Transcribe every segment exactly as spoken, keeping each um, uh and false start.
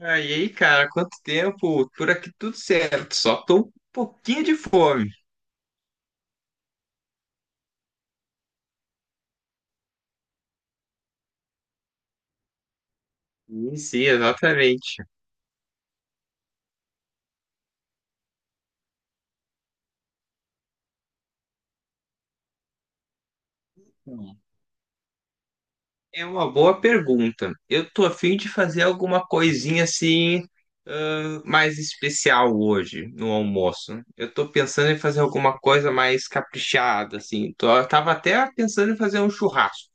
Aí, aí, cara, quanto tempo? Por aqui tudo certo, só tô um pouquinho de fome. Sim, sim, exatamente. Hum. É uma boa pergunta. Eu tô a fim de fazer alguma coisinha assim, ãh, mais especial hoje no almoço. Eu tô pensando em fazer alguma coisa mais caprichada, assim. Tô, eu tava até pensando em fazer um churrasco.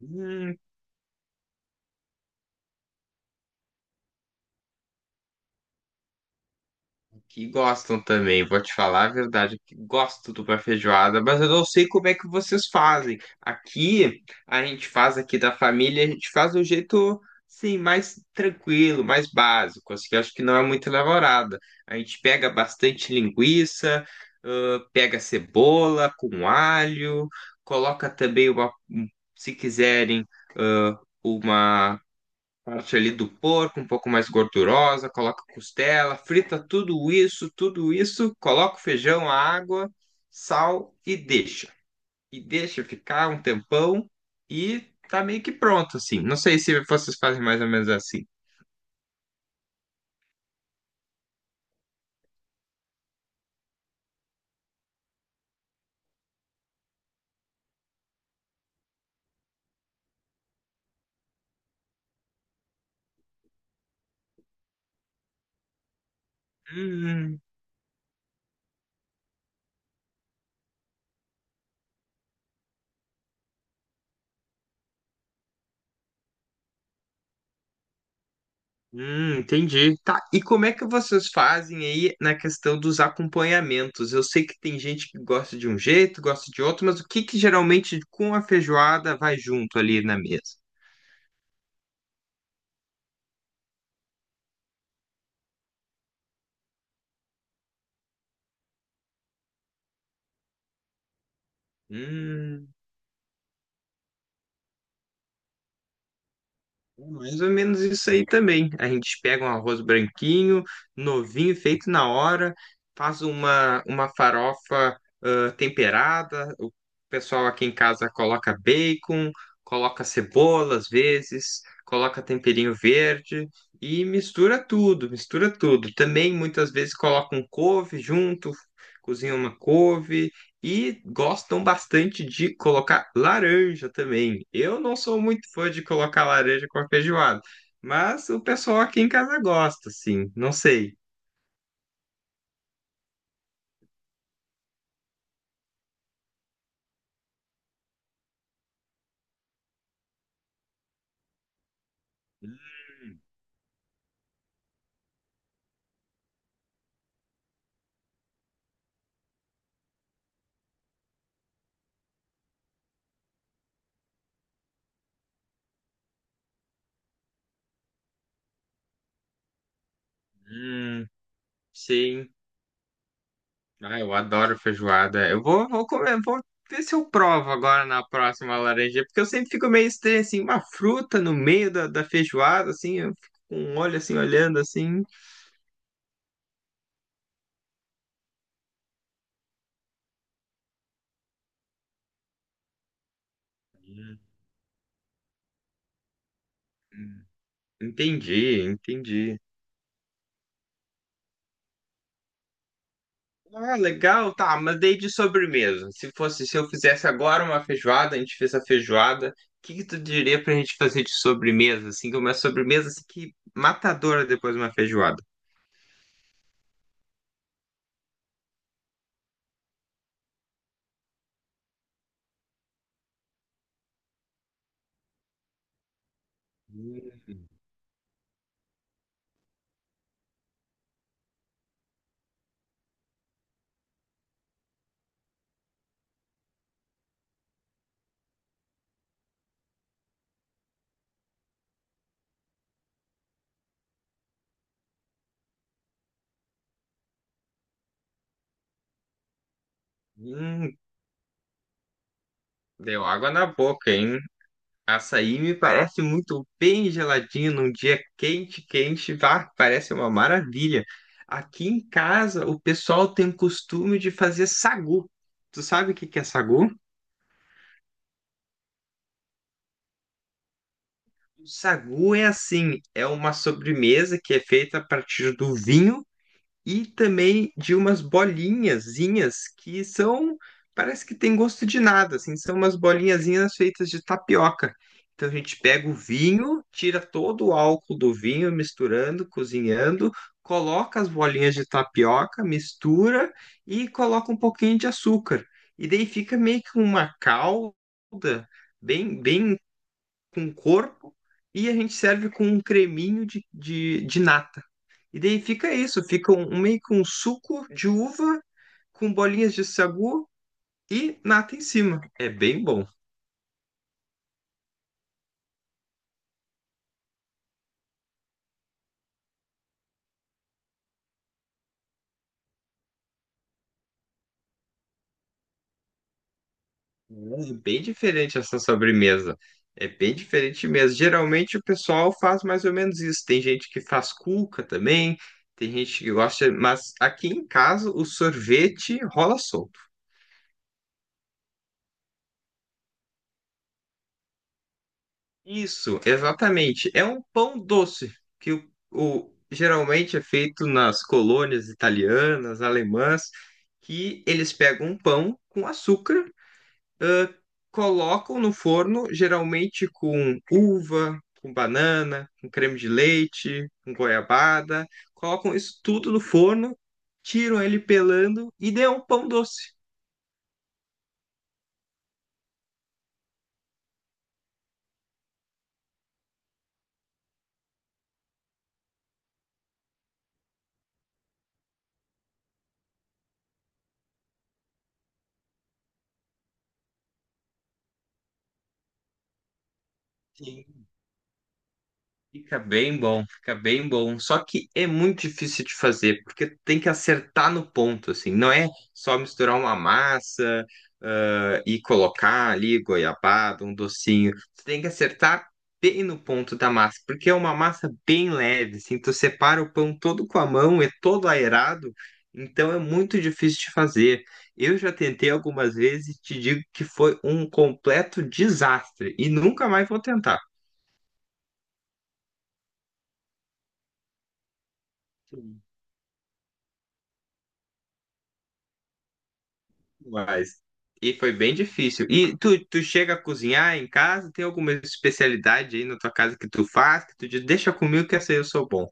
Hum, Que gostam também, vou te falar a verdade, que gosto de uma feijoada, mas eu não sei como é que vocês fazem. Aqui, a gente faz aqui da família, a gente faz do jeito, sim, mais tranquilo, mais básico, assim, que eu acho que não é muito elaborada. A gente pega bastante linguiça, ãh, pega cebola com alho, coloca também uma, um- se quiserem, ãh, uma parte ali do porco, um pouco mais gordurosa, coloca costela, frita tudo isso, tudo isso, coloca o feijão, a água, sal e deixa. E deixa ficar um tempão e tá meio que pronto, assim. Não sei se vocês fazem mais ou menos assim. Hum, hum, entendi. Tá, e como é que vocês fazem aí na questão dos acompanhamentos? Eu sei que tem gente que gosta de um jeito, gosta de outro, mas o que que geralmente com a feijoada vai junto ali na mesa? Hum. É mais ou menos isso aí também. A gente pega um arroz branquinho, novinho, feito na hora, faz uma, uma farofa ah, temperada. O pessoal aqui em casa coloca bacon, coloca cebola às vezes, coloca temperinho verde e mistura tudo, mistura tudo. Também muitas vezes coloca um couve junto, cozinha uma couve. E gostam bastante de colocar laranja também. Eu não sou muito fã de colocar laranja com a feijoada, mas o pessoal aqui em casa gosta, sim. Não sei. Hum, hum, sim. Ah, eu adoro feijoada. Eu vou, vou comer, vou ver se eu provo agora na próxima laranja, porque eu sempre fico meio estranho, assim, uma fruta no meio da, da feijoada, assim, eu fico com um olho assim, olhando assim. Entendi, entendi. Ah, legal, tá, mas daí de sobremesa. Se fosse, se eu fizesse agora uma feijoada, a gente fez a feijoada, o que que tu diria pra gente fazer de sobremesa, assim, que é uma sobremesa assim que matadora depois de uma feijoada? Hum, hum, deu água na boca, hein? Açaí me parece muito bem geladinho num dia quente, quente, vá, parece uma maravilha. Aqui em casa, o pessoal tem o costume de fazer sagu. Tu sabe o que que é sagu? O sagu é assim, é uma sobremesa que é feita a partir do vinho e também de umas bolinhazinhas que são, parece que tem gosto de nada, assim, são umas bolinhazinhas feitas de tapioca. Então a gente pega o vinho, tira todo o álcool do vinho, misturando, cozinhando, coloca as bolinhas de tapioca, mistura e coloca um pouquinho de açúcar. E daí fica meio que uma calda bem, bem com corpo e a gente serve com um creminho de, de, de nata. E daí fica isso, fica um, um meio que um suco de uva com bolinhas de sagu e nata em cima. É bem bom. É bem diferente essa sobremesa. É bem diferente mesmo. Geralmente o pessoal faz mais ou menos isso. Tem gente que faz cuca também, tem gente que gosta, mas aqui em casa o sorvete rola solto. Isso, exatamente. É um pão doce que o, o- geralmente é feito nas colônias italianas, alemãs, que eles pegam um pão com açúcar, ãh, colocam no forno, geralmente com uva, com banana, com creme de leite, com goiabada, colocam isso tudo no forno, tiram ele pelando e dê um pão doce. Fica bem bom, fica bem bom. Só que é muito difícil de fazer, porque tem que acertar no ponto, assim. Não é só misturar uma massa, ah, e colocar ali goiabada, um docinho. Você tem que acertar bem no ponto da massa, porque é uma massa bem leve, assim. Tu separa o pão todo com a mão, é todo aerado, então é muito difícil de fazer. Eu já tentei algumas vezes e te digo que foi um completo desastre, e nunca mais vou tentar. Mas. E foi bem difícil. E tu, tu chega a cozinhar em casa? Tem alguma especialidade aí na tua casa que tu faz? Que tu diz, deixa comigo que essa aí eu sou bom.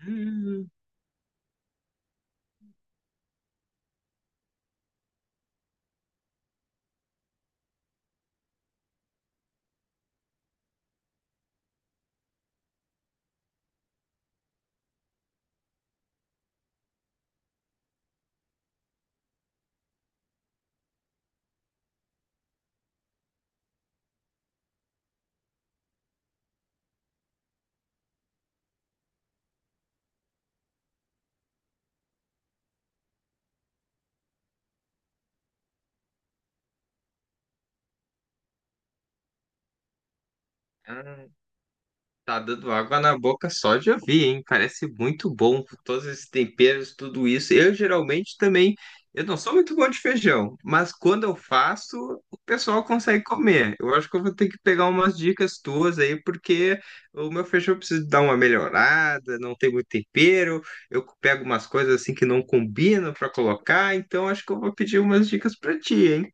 Hum, ah, Tá dando água na boca só de ouvir, hein? Parece muito bom, todos esses temperos, tudo isso. Eu geralmente também, eu não sou muito bom de feijão, mas quando eu faço, o pessoal consegue comer. Eu acho que eu vou ter que pegar umas dicas tuas aí, porque o meu feijão precisa dar uma melhorada, não tem muito tempero, eu pego umas coisas assim que não combinam para colocar, então acho que eu vou pedir umas dicas para ti, hein?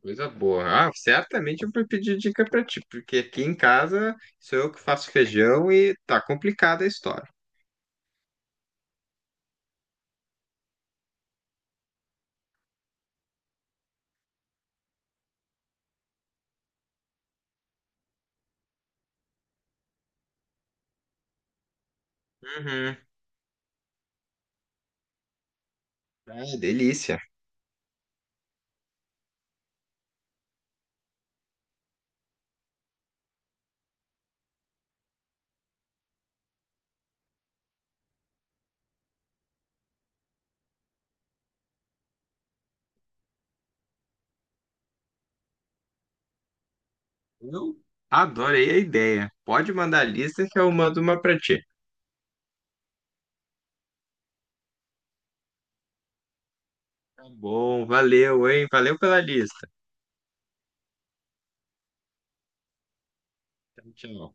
Coisa boa. Ah, certamente eu vou pedir dica pra ti, porque aqui em casa sou eu que faço feijão e tá complicada a história. Uhum. Ah, delícia. Eu adorei a ideia. Pode mandar a lista que eu mando uma pra ti. Tá bom, valeu, hein? Valeu pela lista. Tchau, tchau.